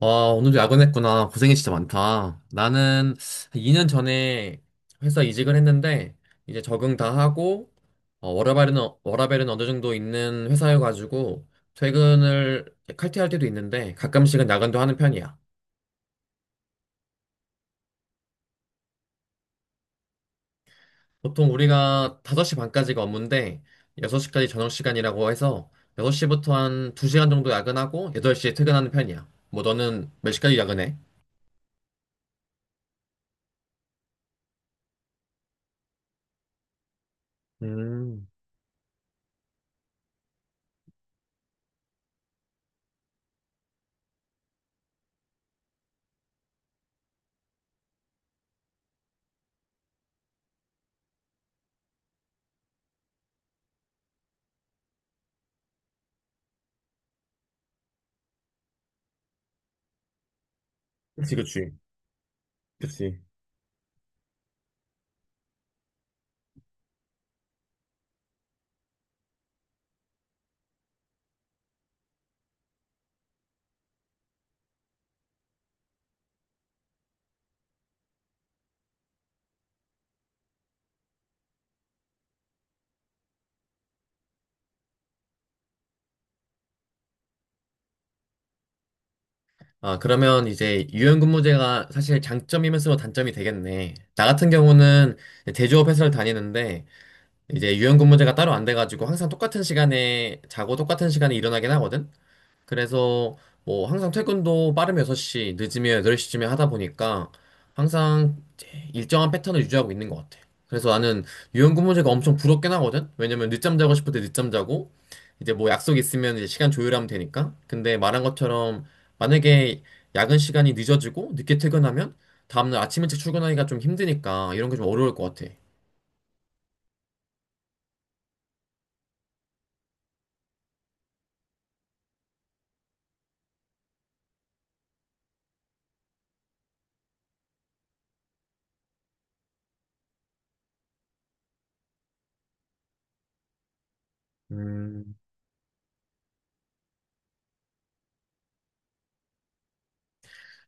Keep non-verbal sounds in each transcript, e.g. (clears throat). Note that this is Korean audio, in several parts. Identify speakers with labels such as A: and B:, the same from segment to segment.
A: 아, 오늘도 야근했구나. 고생이 진짜 많다. 나는 2년 전에 회사 이직을 했는데, 이제 적응 다 하고, 워라밸은 어느 정도 있는 회사여가지고, 퇴근을 칼퇴할 때도 있는데, 가끔씩은 야근도 하는 편이야. 보통 우리가 5시 반까지가 업무인데, 6시까지 저녁 시간이라고 해서, 6시부터 한 2시간 정도 야근하고, 8시에 퇴근하는 편이야. 뭐, 너는 몇 시까지 야근해? 음, 그치, 그치. 그치. 아, 그러면 이제 유연근무제가 사실 장점이면서 단점이 되겠네. 나 같은 경우는 제조업 회사를 다니는데 이제 유연근무제가 따로 안 돼가지고 항상 똑같은 시간에 자고 똑같은 시간에 일어나긴 하거든. 그래서 뭐 항상 퇴근도 빠르면 6시, 늦으면 8시쯤에 하다 보니까 항상 일정한 패턴을 유지하고 있는 것 같아. 그래서 나는 유연근무제가 엄청 부럽긴 하거든? 왜냐면 늦잠 자고 싶을 때 늦잠 자고, 이제 뭐 약속 있으면 이제 시간 조율하면 되니까. 근데 말한 것처럼 만약에 야근 시간이 늦어지고 늦게 퇴근하면 다음날 아침 일찍 출근하기가 좀 힘드니까 이런 게 좀 어려울 것 같아. 음.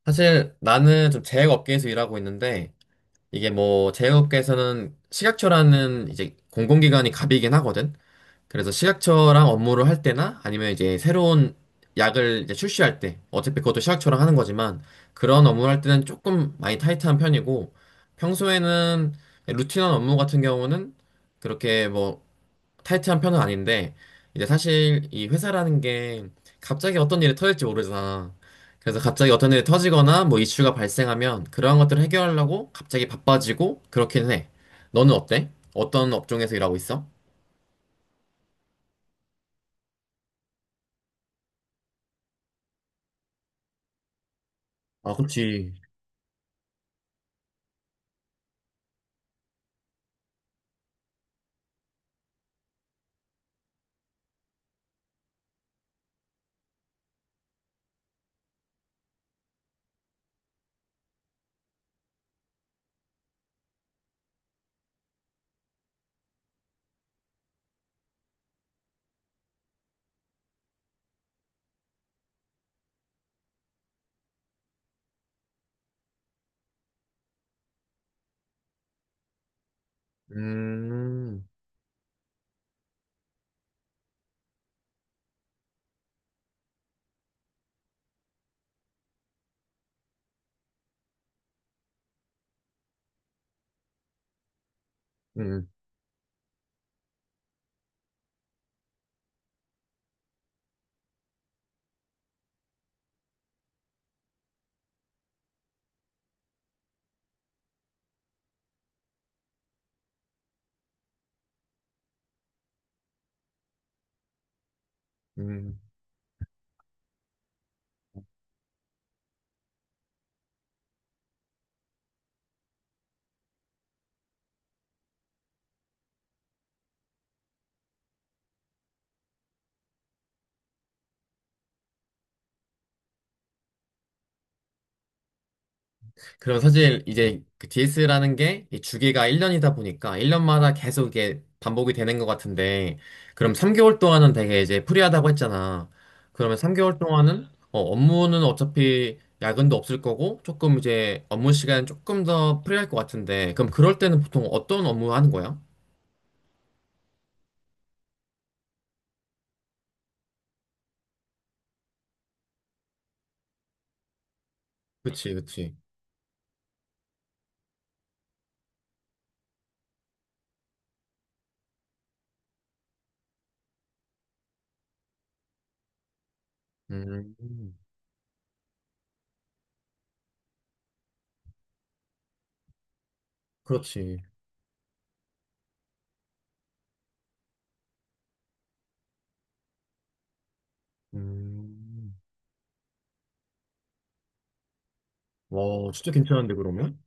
A: 사실 나는 좀 제약 업계에서 일하고 있는데 이게 뭐 제약업계에서는 식약처라는 이제 공공기관이 갑이긴 하거든. 그래서 식약처랑 업무를 할 때나 아니면 이제 새로운 약을 이제 출시할 때 어차피 그것도 식약처랑 하는 거지만 그런 업무를 할 때는 조금 많이 타이트한 편이고 평소에는 루틴한 업무 같은 경우는 그렇게 뭐 타이트한 편은 아닌데 이제 사실 이 회사라는 게 갑자기 어떤 일이 터질지 모르잖아. 그래서 갑자기 어떤 일이 터지거나 뭐 이슈가 발생하면 그러한 것들을 해결하려고 갑자기 바빠지고 그렇긴 해. 너는 어때? 어떤 업종에서 일하고 있어? 아, 그렇지. 음, 음, 음. 그리고 사실 이제 그 DS라는 게이 주기가 1년이다 보니까 1년마다 계속 이게 반복이 되는 것 같은데 그럼 3개월 동안은 되게 이제 프리하다고 했잖아. 그러면 3개월 동안은 업무는 어차피 야근도 없을 거고 조금 이제 업무 시간 조금 더 프리할 것 같은데 그럼 그럴 때는 보통 어떤 업무 하는 거야? 그치, 그치. 음, 그렇지. 음, 와, 진짜 괜찮은데 그러면?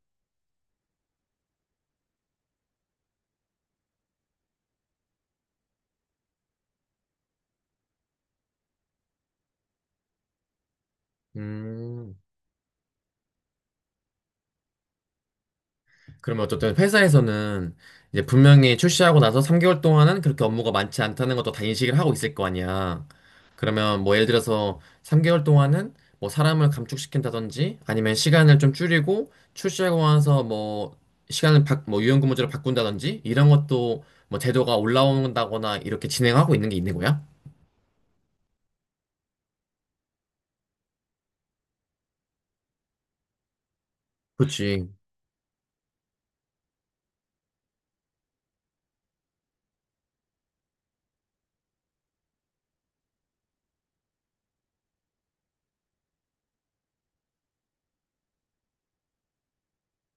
A: 음. 그러면 어쨌든 회사에서는 이제 분명히 출시하고 나서 3개월 동안은 그렇게 업무가 많지 않다는 것도 다 인식을 하고 있을 거 아니야. 그러면 뭐 예를 들어서 3개월 동안은 뭐 사람을 감축시킨다든지 아니면 시간을 좀 줄이고 출시하고 나서 뭐 뭐 유연근무제로 바꾼다든지 이런 것도 뭐 제도가 올라온다거나 이렇게 진행하고 있는 게 있는 거야? 그치.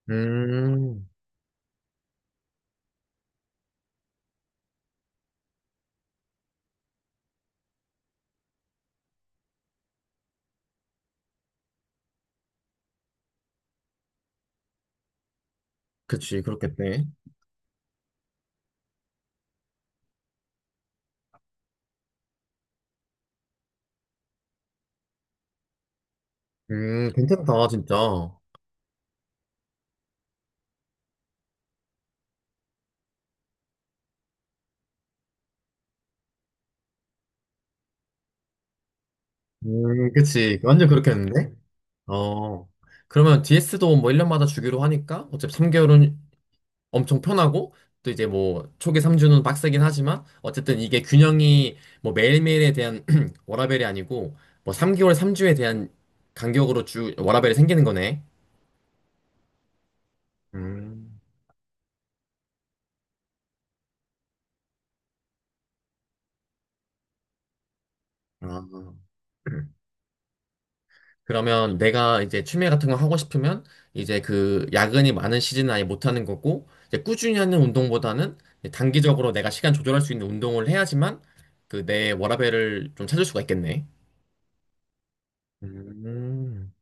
A: 음, 그치. 그렇겠네. 괜찮다, 진짜. 그치. 완전 그렇겠는데? 어, 그러면 DS도 뭐 1년마다 주기로 하니까 어차피 3개월은 엄청 편하고 또 이제 뭐 초기 3주는 빡세긴 하지만 어쨌든 이게 균형이 뭐 매일매일에 대한 (clears throat) 워라밸이 아니고 뭐 3개월 3주에 대한 간격으로 주 워라밸이 생기는 거네. 음, 아. 그러면 내가 이제 취미 같은 거 하고 싶으면 이제 그 야근이 많은 시즌은 아예 못 하는 거고 이제 꾸준히 하는 운동보다는 이제 단기적으로 내가 시간 조절할 수 있는 운동을 해야지만 그 내 워라밸을 좀 찾을 수가 있겠네. 음.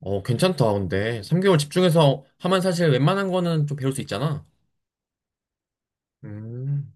A: 어, 괜찮다. 근데 3개월 집중해서 하면 사실 웬만한 거는 좀 배울 수 있잖아. 음.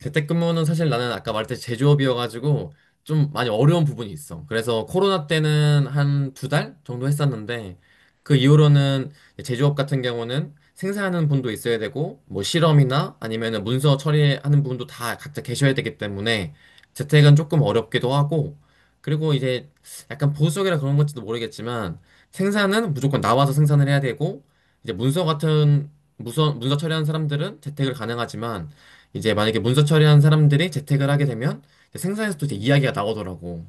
A: 재택근무는 사실 나는 아까 말했듯이 제조업이어가지고 좀 많이 어려운 부분이 있어. 그래서 코로나 때는 한 두 달 정도 했었는데 그 이후로는 제조업 같은 경우는 생산하는 분도 있어야 되고 뭐 실험이나 아니면은 문서 처리하는 분도 다 각자 계셔야 되기 때문에 재택은 조금 어렵기도 하고 그리고 이제 약간 보수적이라 그런 건지도 모르겠지만 생산은 무조건 나와서 생산을 해야 되고 이제 문서 처리하는 사람들은 재택을 가능하지만 이제 만약에 문서 처리한 사람들이 재택을 하게 되면 이제 생산에서도 이제 이야기가 나오더라고.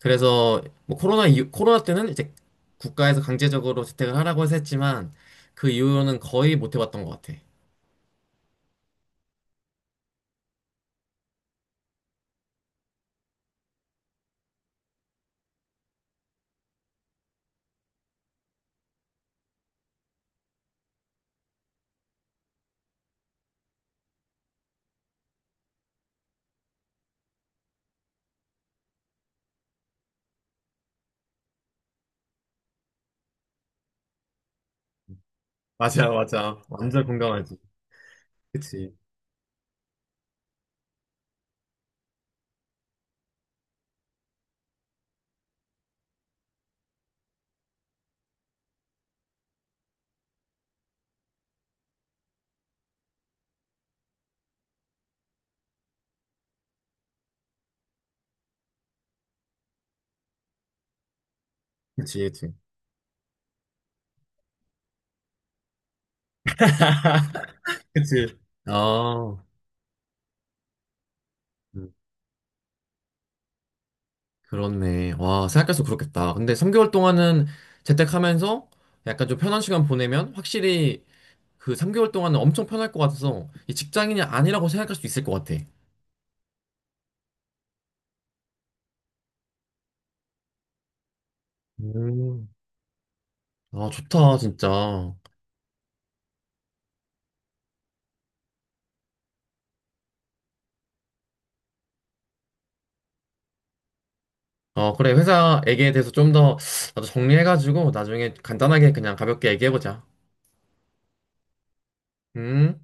A: 그래서 뭐 코로나 때는 이제 국가에서 강제적으로 재택을 하라고 해서 했지만 그 이후로는 거의 못 해봤던 것 같아. 맞아, 맞아. 완전 공감하지. 그치. 그치, 그치. (laughs) 그치. 어. 음. 그렇네. 와, 생각할수록 그렇겠다. 근데 3개월 동안은 재택하면서 약간 좀 편한 시간 보내면 확실히 그 3개월 동안은 엄청 편할 것 같아서 이 직장인이 아니라고 생각할 수 있을 것 같아. 음. 아, 좋다, 진짜. 어, 그래. 회사 얘기에 대해서 좀 더 나도 정리해가지고 나중에 간단하게 그냥 가볍게 얘기해보자. 음.